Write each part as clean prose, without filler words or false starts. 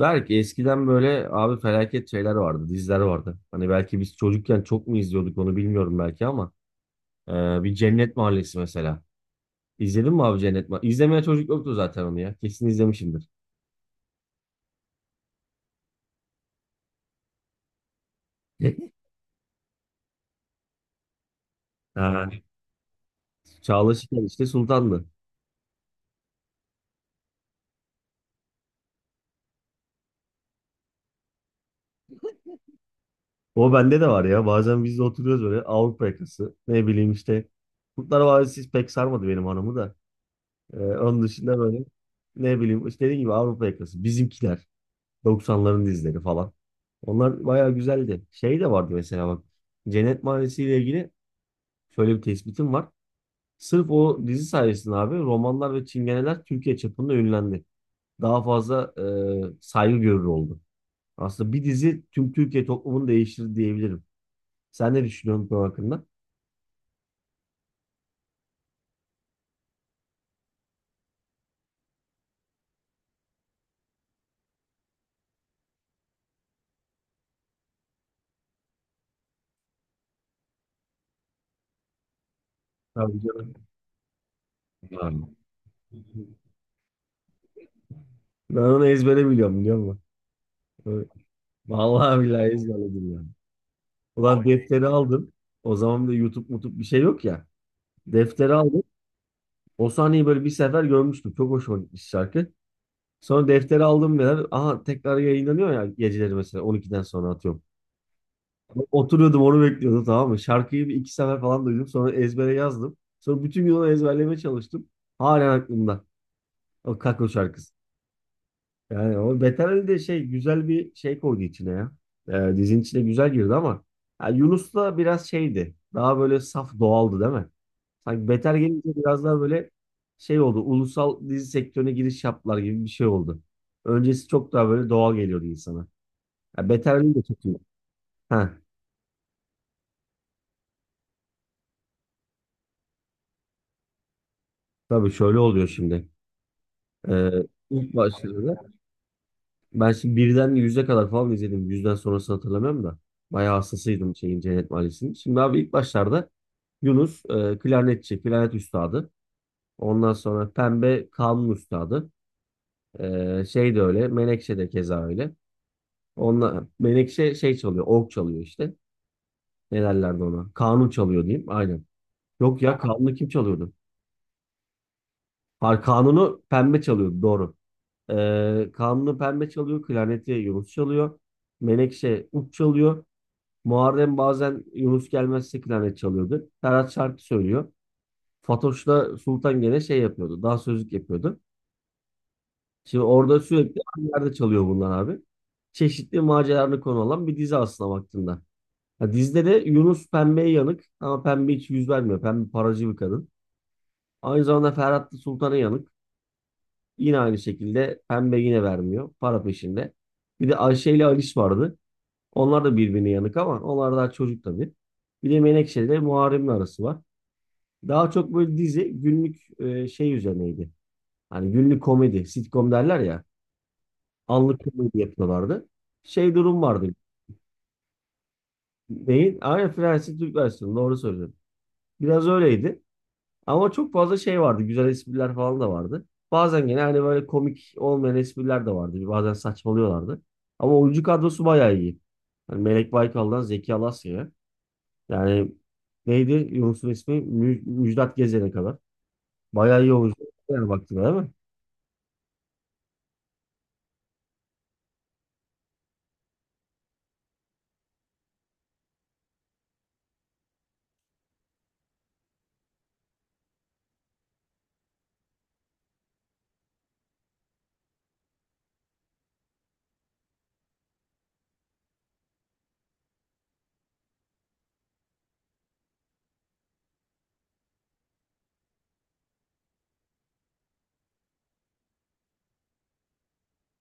Belki eskiden böyle abi felaket şeyler vardı, diziler vardı. Hani belki biz çocukken çok mu izliyorduk onu bilmiyorum belki ama e, bir Cennet Mahallesi mesela. İzledin mi abi Cennet Mahallesi? İzlemeye çocuk yoktu zaten onu ya. Kesin izlemişimdir. Ha. Çağla Şikel işte Sultan'dı. O bende de var ya. Bazen biz de oturuyoruz böyle Avrupa yakası. Ne bileyim işte. Kurtlar Vadisi pek sarmadı benim hanımı da. E, onun dışında böyle ne bileyim işte dediğim gibi Avrupa yakası. Bizimkiler. 90'ların dizileri falan. Onlar bayağı güzeldi. Şey de vardı mesela bak. Cennet Mahallesi ile ilgili şöyle bir tespitim var. Sırf o dizi sayesinde abi romanlar ve çingeneler Türkiye çapında ünlendi. Daha fazla saygı görür oldu. Aslında bir dizi tüm Türkiye toplumunu değiştirdi diyebilirim. Sen ne düşünüyorsun bu hakkında? Tabii canım. Yani. Ben onu ezbere biliyorum biliyor musun? Evet. Vallahi billahi ezberledim yani. Ulan defteri aldım. O zaman da YouTube mutup bir şey yok ya. Defteri aldım. O sahneyi böyle bir sefer görmüştüm. Çok hoşuma gitmiş şarkı. Sonra defteri aldım ya. Aha tekrar yayınlanıyor ya geceleri mesela 12'den sonra atıyorum. Oturuyordum onu bekliyordum tamam mı? Şarkıyı bir iki sefer falan duydum. Sonra ezbere yazdım. Sonra bütün gün onu ezberlemeye çalıştım. Halen aklımda. O Kako şarkısı. Yani o Beter de şey güzel bir şey koydu içine ya. Dizinin içine güzel girdi ama ya Yunus da biraz şeydi. Daha böyle saf doğaldı değil mi? Sanki Beter gelince biraz daha böyle şey oldu. Ulusal dizi sektörüne giriş yaptılar gibi bir şey oldu. Öncesi çok daha böyle doğal geliyordu insana. Ya Beter de çok iyi. Ha, tabii şöyle oluyor şimdi. Ee, ilk başta ben şimdi birden yüze kadar falan izledim. Yüzden sonrasını hatırlamıyorum da. Bayağı hastasıydım şeyin Cennet Mahallesi'nin. Şimdi abi ilk başlarda Yunus klarnetçi, klarnet üstadı. Ondan sonra Pembe kanun üstadı. E, şey de öyle, Menekşe de keza öyle. Onunla, Menekşe şey çalıyor, org çalıyor işte. Ne derlerdi ona? Kanun çalıyor diyeyim, aynen. Yok ya kanunu kim çalıyordu? Hayır, kanunu Pembe çalıyordu, doğru. E, kanunu Pembe çalıyor, klarneti Yunus çalıyor. Menekşe ut çalıyor. Muharrem bazen Yunus Gelmez'e klarnet çalıyordu. Ferhat şarkı söylüyor. Fatoş'la Sultan gene şey yapıyordu. Daha sözlük yapıyordu. Şimdi orada sürekli aynı yerde çalıyor bunlar abi. Çeşitli maceralarını konu alan bir dizi aslına baktığında. Ha, dizide de Yunus pembeye yanık ama pembe hiç yüz vermiyor. Pembe paracı bir kadın. Aynı zamanda Ferhat da Sultan'a yanık. Yine aynı şekilde pembe yine vermiyor. Para peşinde. Bir de Ayşe ile Aliş vardı. Onlar da birbirine yanık ama onlar daha çocuk tabii. Bir de Menekşe ile Muharrem'in arası var. Daha çok böyle dizi günlük şey üzerineydi. Hani günlük komedi, sitcom derler ya. Anlık komedi yapıyorlardı. Şey durum vardı. Neyin? Aynen Fransız Türk versiyonu doğru söylüyorum. Biraz öyleydi. Ama çok fazla şey vardı. Güzel espriler falan da vardı. Bazen gene hani böyle komik olmayan espriler de vardı. Bazen saçmalıyorlardı. Ama oyuncu kadrosu bayağı iyi. Hani Melek Baykal'dan Zeki Alasya'ya. Yani neydi Yunus'un ismi? Müjdat Gezen'e kadar. Bayağı iyi oyuncu. Yani baktığına değil mi?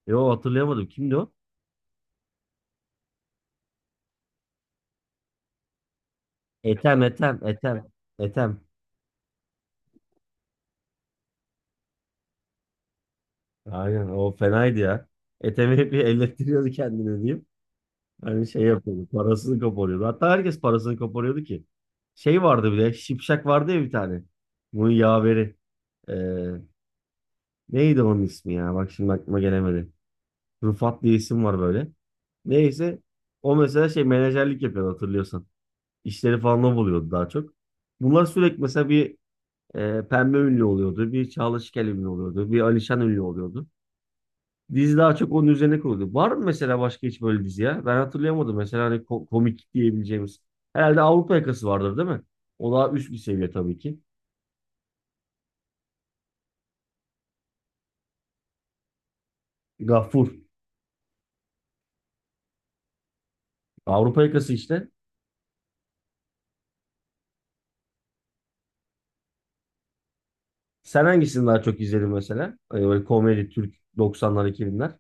Yo hatırlayamadım. Kimdi o? Etem, Etem, Etem, Etem. Aynen o fenaydı ya. Etemi hep bir ellettiriyordu kendine diyeyim. Hani şey yapıyordu. Parasını koparıyordu. Hatta herkes parasını koparıyordu ki. Şey vardı bir de. Şipşak vardı ya bir tane. Bunun yaveri. Ee, Neydi onun ismi ya? Bak şimdi aklıma gelemedi. Rufat diye isim var böyle. Neyse. O mesela şey menajerlik yapıyordu hatırlıyorsan. İşleri falan o buluyordu daha çok. Bunlar sürekli mesela bir E, Pembe ünlü oluyordu. Bir Çağla Şikel ünlü oluyordu. Bir Alişan ünlü oluyordu. Dizi daha çok onun üzerine kuruldu. Var mı mesela başka hiç böyle dizi ya? Ben hatırlayamadım. Mesela hani komik diyebileceğimiz. Herhalde Avrupa Yakası vardır değil mi? O daha üst bir seviye tabii ki. Gafur. Avrupa Yakası işte. Sen hangisini daha çok izledin mesela? Hani böyle komedi, Türk 90'lar, 2000'ler.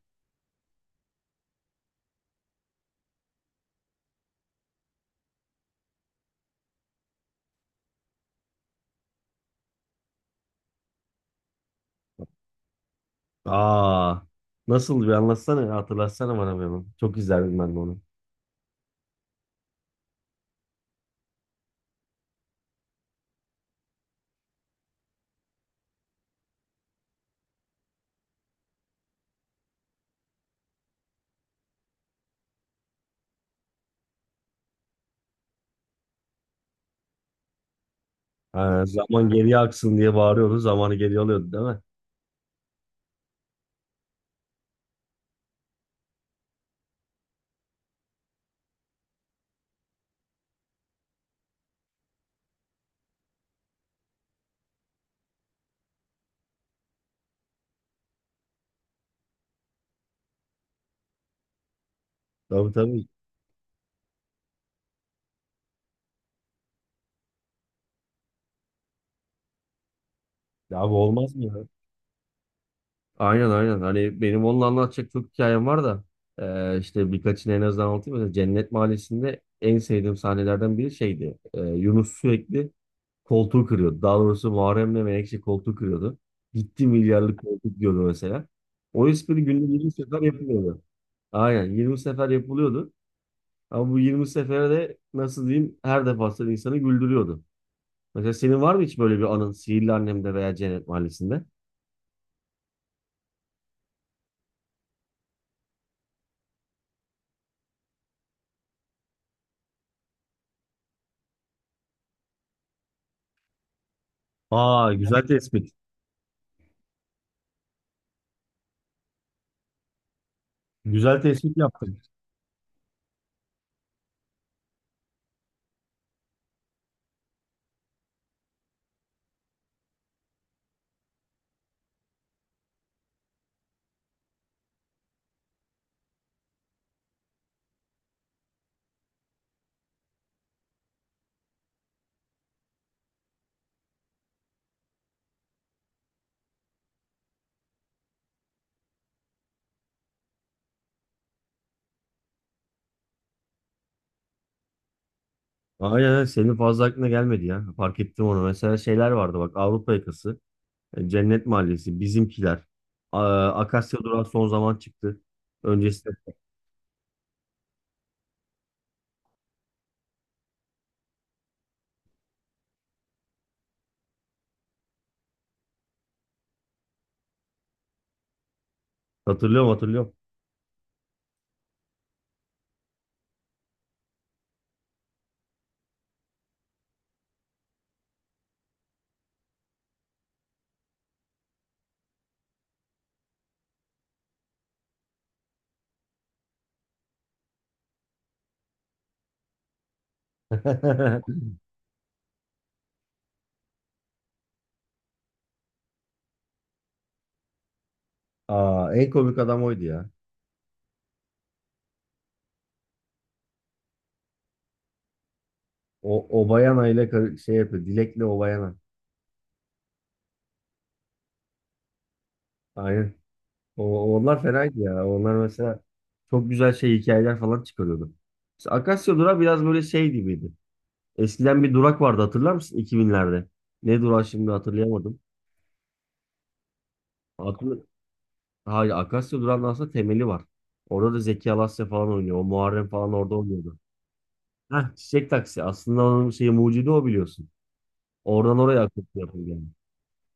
Aa, nasıl bir anlatsana ya, hatırlatsana bana bir hemen. Çok izlerdim ben de onu. Ha, zaman geriye aksın diye bağırıyordu. Zamanı geriye alıyordu değil mi? Tabii tabii. Ya abi olmaz mı ya? Aynen aynen. Hani benim onunla anlatacak çok hikayem var da işte birkaçını en azından anlatayım. Mesela Cennet Mahallesi'nde en sevdiğim sahnelerden biri şeydi. E, Yunus sürekli koltuğu kırıyordu. Daha doğrusu Muharrem'le Menekşe koltuğu kırıyordu. Gitti milyarlık koltuk diyordu mesela. O espri günde 20 sefer yapılıyordu. Aynen 20 sefer yapılıyordu. Ama bu 20 sefere de nasıl diyeyim her defasında insanı güldürüyordu. Mesela senin var mı hiç böyle bir anın Sihirli Annem'de veya Cennet Mahallesi'nde? Aa güzel tespit. Güzel tespit yaptın. Aynen aynen. Senin fazla aklına gelmedi ya. Fark ettim onu. Mesela şeyler vardı bak Avrupa Yakası, Cennet Mahallesi, Bizimkiler. Akasya Durağı son zaman çıktı. Öncesinde hatırlıyorum hatırlıyorum. Aa, en komik adam oydu ya. O Obayana ile şey yapıyor. Dilek'le Obayana. Aynen. O, onlar fenaydı ya. Onlar mesela çok güzel şey hikayeler falan çıkarıyordu. Mesela Akasya Durağı biraz böyle şey gibiydi. Eskiden bir durak vardı hatırlar mısın 2000'lerde? Ne durağı şimdi hatırlayamadım. Aklı, hayır Akasya durağının aslında temeli var. Orada da Zeki Alasya falan oynuyor. O Muharrem falan orada oynuyordu. Heh, Çiçek Taksi. Aslında onun şeyi mucidi o biliyorsun. Oradan oraya akıntı yapıldı yani.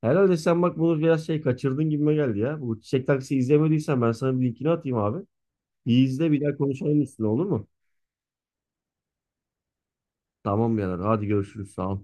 Herhalde sen bak bunu biraz şey kaçırdın gibime geldi ya. Bu Çiçek Taksi izlemediysen ben sana bir linkini atayım abi. Bir izle bir daha konuşalım üstüne olur mu? Tamam birader hadi görüşürüz sağ ol.